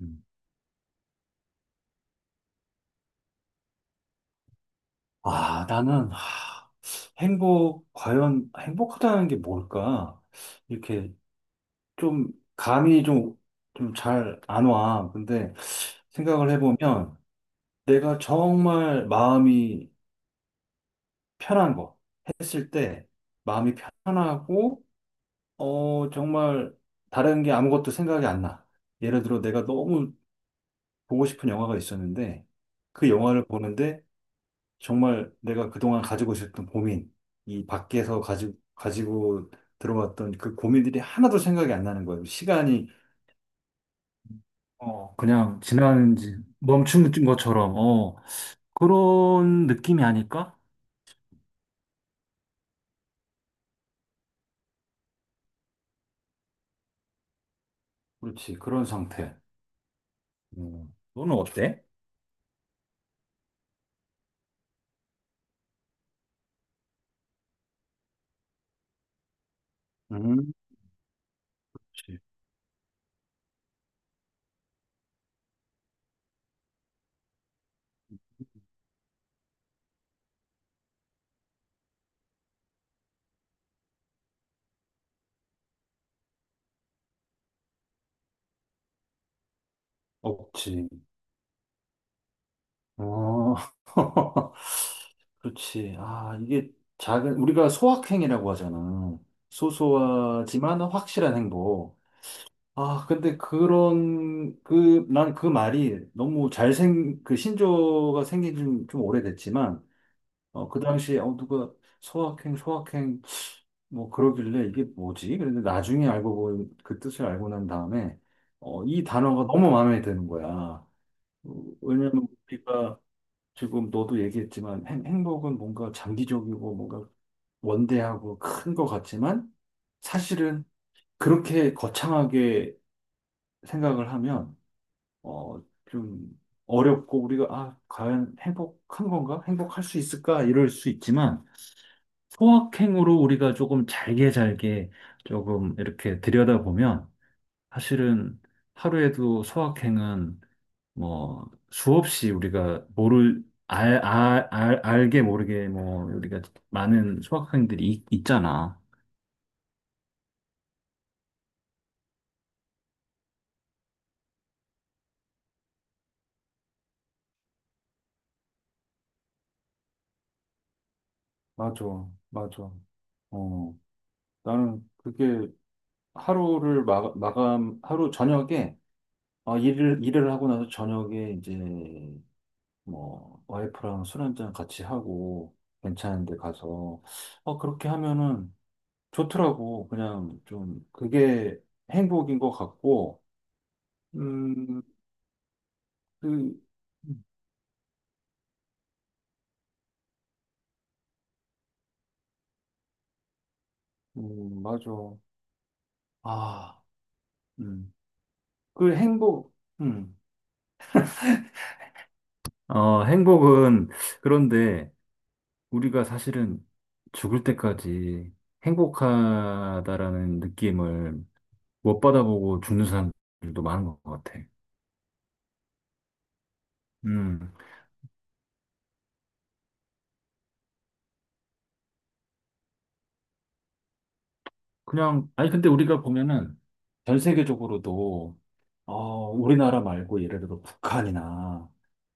음. 아, 나는, 행복, 과연 행복하다는 게 뭘까? 이렇게 좀, 감이 좀, 좀 잘 안 와. 근데 생각을 해보면 내가 정말 마음이 편한 거 했을 때 마음이 편하고, 정말 다른 게 아무것도 생각이 안 나. 예를 들어 내가 너무 보고 싶은 영화가 있었는데 그 영화를 보는데 정말 내가 그동안 가지고 있었던 고민, 이 밖에서 가지고 들어왔던 그 고민들이 하나도 생각이 안 나는 거예요. 시간이 그냥 지나는지 멈춘 것처럼, 그런 느낌이 아닐까? 그렇지, 그런 상태. 너는 어때? 음, 그렇지. 없지. 어, 그렇지. 아, 이게 작은, 우리가 소확행이라고 하잖아. 소소하지만 확실한 행복. 아, 근데 난 그 말이 너무 그 신조가 생긴 지좀 오래됐지만, 그 당시에, 누가 소확행, 소확행, 뭐 그러길래 이게 뭐지? 그런데 나중에 알고, 그 뜻을 알고 난 다음에, 이 단어가 너무 마음에 드는 거야. 왜냐면 우리가 지금 너도 얘기했지만 행복은 뭔가 장기적이고 뭔가 원대하고 큰 것 같지만, 사실은 그렇게 거창하게 생각을 하면, 어, 좀 어렵고 우리가 아, 과연 행복한 건가? 행복할 수 있을까? 이럴 수 있지만 소확행으로 우리가 조금 잘게 잘게 조금 이렇게 들여다보면 사실은 하루에도 소확행은 뭐 수없이 우리가 모를 알게 모르게 뭐 우리가 많은 소확행들이 있잖아. 맞아, 맞아. 어, 나는 그게 하루를 마감, 하루 저녁에 일을 하고 나서 저녁에 이제 뭐 와이프랑 술 한잔 같이 하고 괜찮은 데 가서 그렇게 하면은 좋더라고. 그냥 좀 그게 행복인 것 같고, 음, 그, 맞아. 아, 음, 그 행복, 음, 행복은 그런데 우리가 사실은 죽을 때까지 행복하다라는 느낌을 못 받아보고 죽는 사람들도 많은 것 같아. 음, 그냥, 아니, 근데 우리가 보면은 전 세계적으로도, 우리나라 말고 예를 들어 북한이나,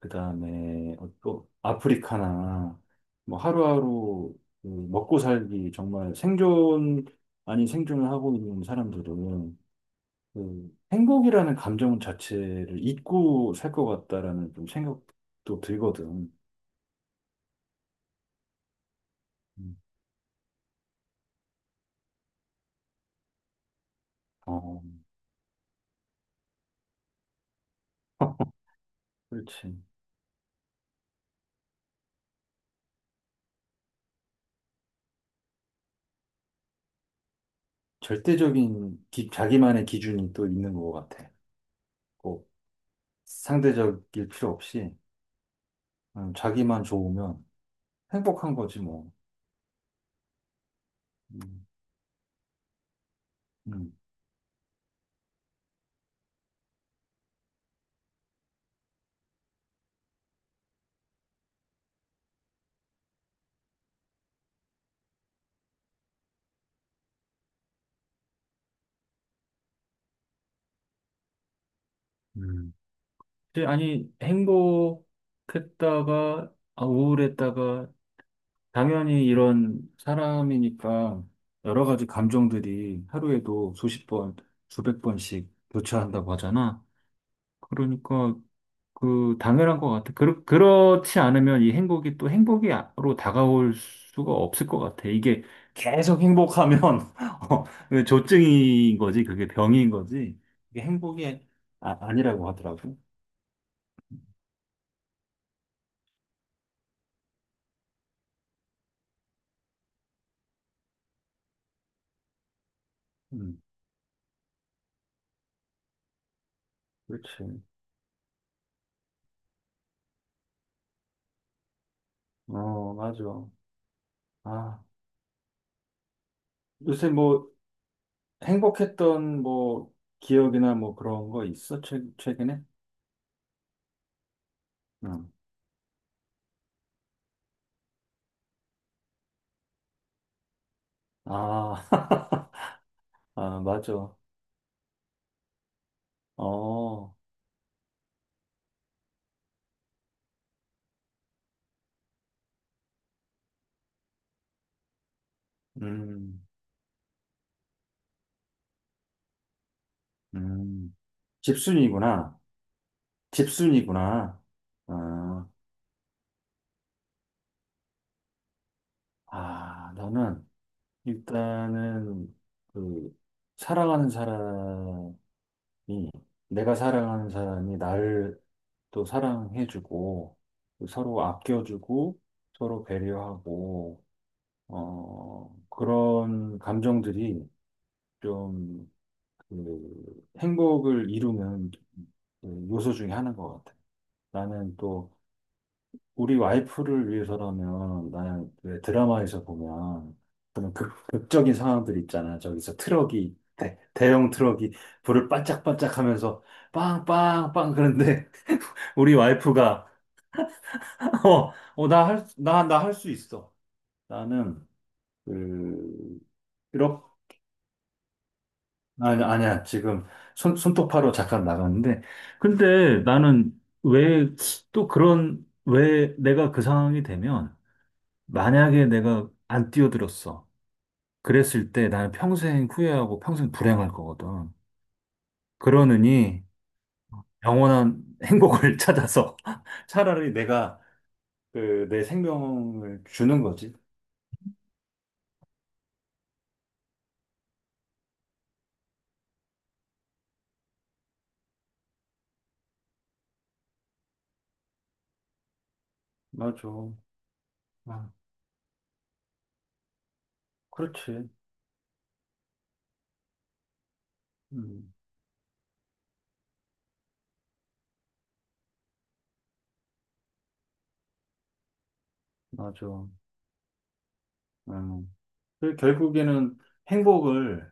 그 다음에 또 아프리카나, 뭐 하루하루 그 먹고 살기 정말 생존, 아닌 생존을 하고 있는 사람들은 그 행복이라는 감정 자체를 잊고 살 것 같다라는 좀 생각도 들거든. 음, 어, 그렇지. 절대적인 자기만의 기준이 또 있는 것 같아. 꼭 상대적일 필요 없이 자기만 좋으면 행복한 거지 뭐. 음, 음, 음. 근데 아니, 행복했다가, 아, 우울했다가, 당연히 이런 사람이니까 여러 가지 감정들이 하루에도 수십 번, 수백 번씩 교차한다고 하잖아. 그러니까 그 당연한 것 같아. 그렇지 않으면 이 행복이 또 행복으로 다가올 수가 없을 것 같아. 이게 계속 행복하면 어, 그 조증인 거지, 그게 병인 거지. 이게 행복이 아니라고 하더라고. 음, 그렇지. 어, 맞아. 아, 요새 뭐 행복했던 뭐 기억이나 뭐 그런 거 있어? 최근에? 응. 아, 아, 맞아. 어, 음, 음. 집순이구나. 집순이구나. 아, 아, 나는 일단은 그 사랑하는 사람이 내가 사랑하는 사람이 나를 또 사랑해주고 서로 아껴주고 서로 배려하고 그런 감정들이 좀그 행복을 이루는 그 요소 중에 하나인 것 같아. 나는 또 우리 와이프를 위해서라면 나는 왜 드라마에서 보면 그런 극적인 상황들 있잖아. 저기서 트럭이 대형 트럭이 불을 반짝반짝 하면서 빵빵빵 그런데 우리 와이프가 나 할 수 있어. 나는 그 이렇게 아니 아니야. 지금 손 손톱파로 잠깐 나갔는데 근데 나는 왜 또 그런 왜 내가 그 상황이 되면 만약에 내가 안 뛰어들었어. 그랬을 때 나는 평생 후회하고 평생 불행할 거거든. 그러느니 영원한 행복을 찾아서 차라리 내가 그 내 생명을 주는 거지. 맞아. 아, 그렇지. 음, 맞아. 음. 그 결국에는 행복을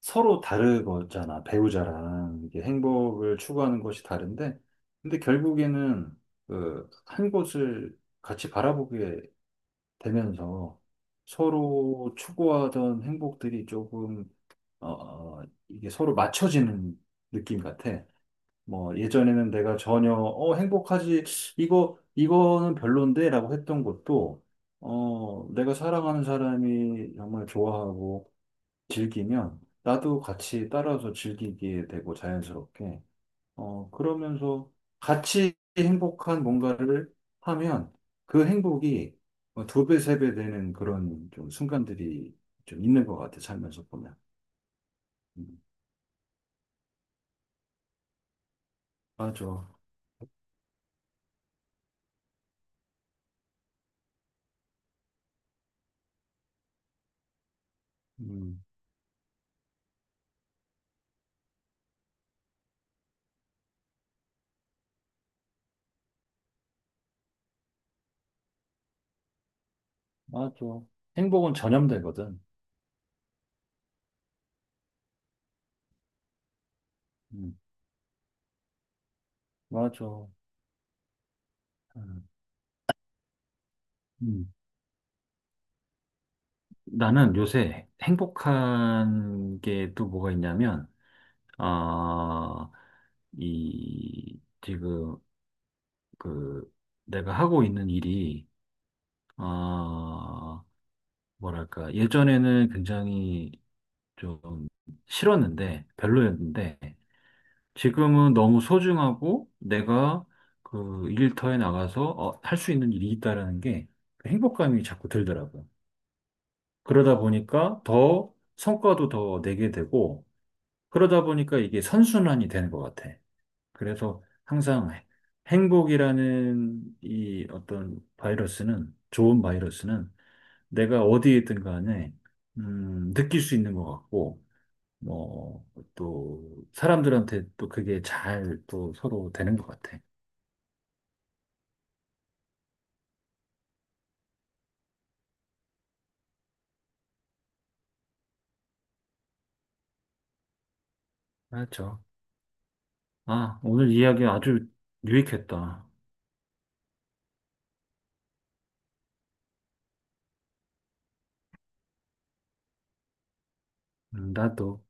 서로 다르잖아. 배우자랑 이게 행복을 추구하는 것이 다른데, 근데 결국에는 그 한 곳을 같이 바라보게 되면서 서로 추구하던 행복들이 조금 어, 어, 이게 서로 맞춰지는 느낌 같아. 뭐 예전에는 내가 전혀 행복하지 이거는 별론데라고 했던 것도 내가 사랑하는 사람이 정말 좋아하고 즐기면 나도 같이 따라서 즐기게 되고 자연스럽게 그러면서 같이 행복한 뭔가를 하면 그 행복이 두 배, 세 배 되는 그런 좀 순간들이 좀 있는 것 같아, 살면서 보면. 음, 맞아. 음, 맞아. 행복은 전염되거든. 음, 맞아. 음, 음. 나는 요새 행복한 게 또 뭐가 있냐면, 아, 이, 지금, 그, 내가 하고 있는 일이, 아, 뭐랄까, 예전에는 굉장히 좀 싫었는데, 별로였는데, 지금은 너무 소중하고 내가 그 일터에 나가서 할수 있는 일이 있다라는 게그 행복감이 자꾸 들더라고요. 그러다 보니까 더 성과도 더 내게 되고, 그러다 보니까 이게 선순환이 되는 것 같아. 그래서 항상 행복이라는 이 어떤 바이러스는, 좋은 바이러스는 내가 어디에 있든 간에, 느낄 수 있는 것 같고, 뭐, 또, 사람들한테 또 그게 잘 또 서로 되는 것 같아. 맞죠. 아, 오늘 이야기 아주 유익했다. 나도.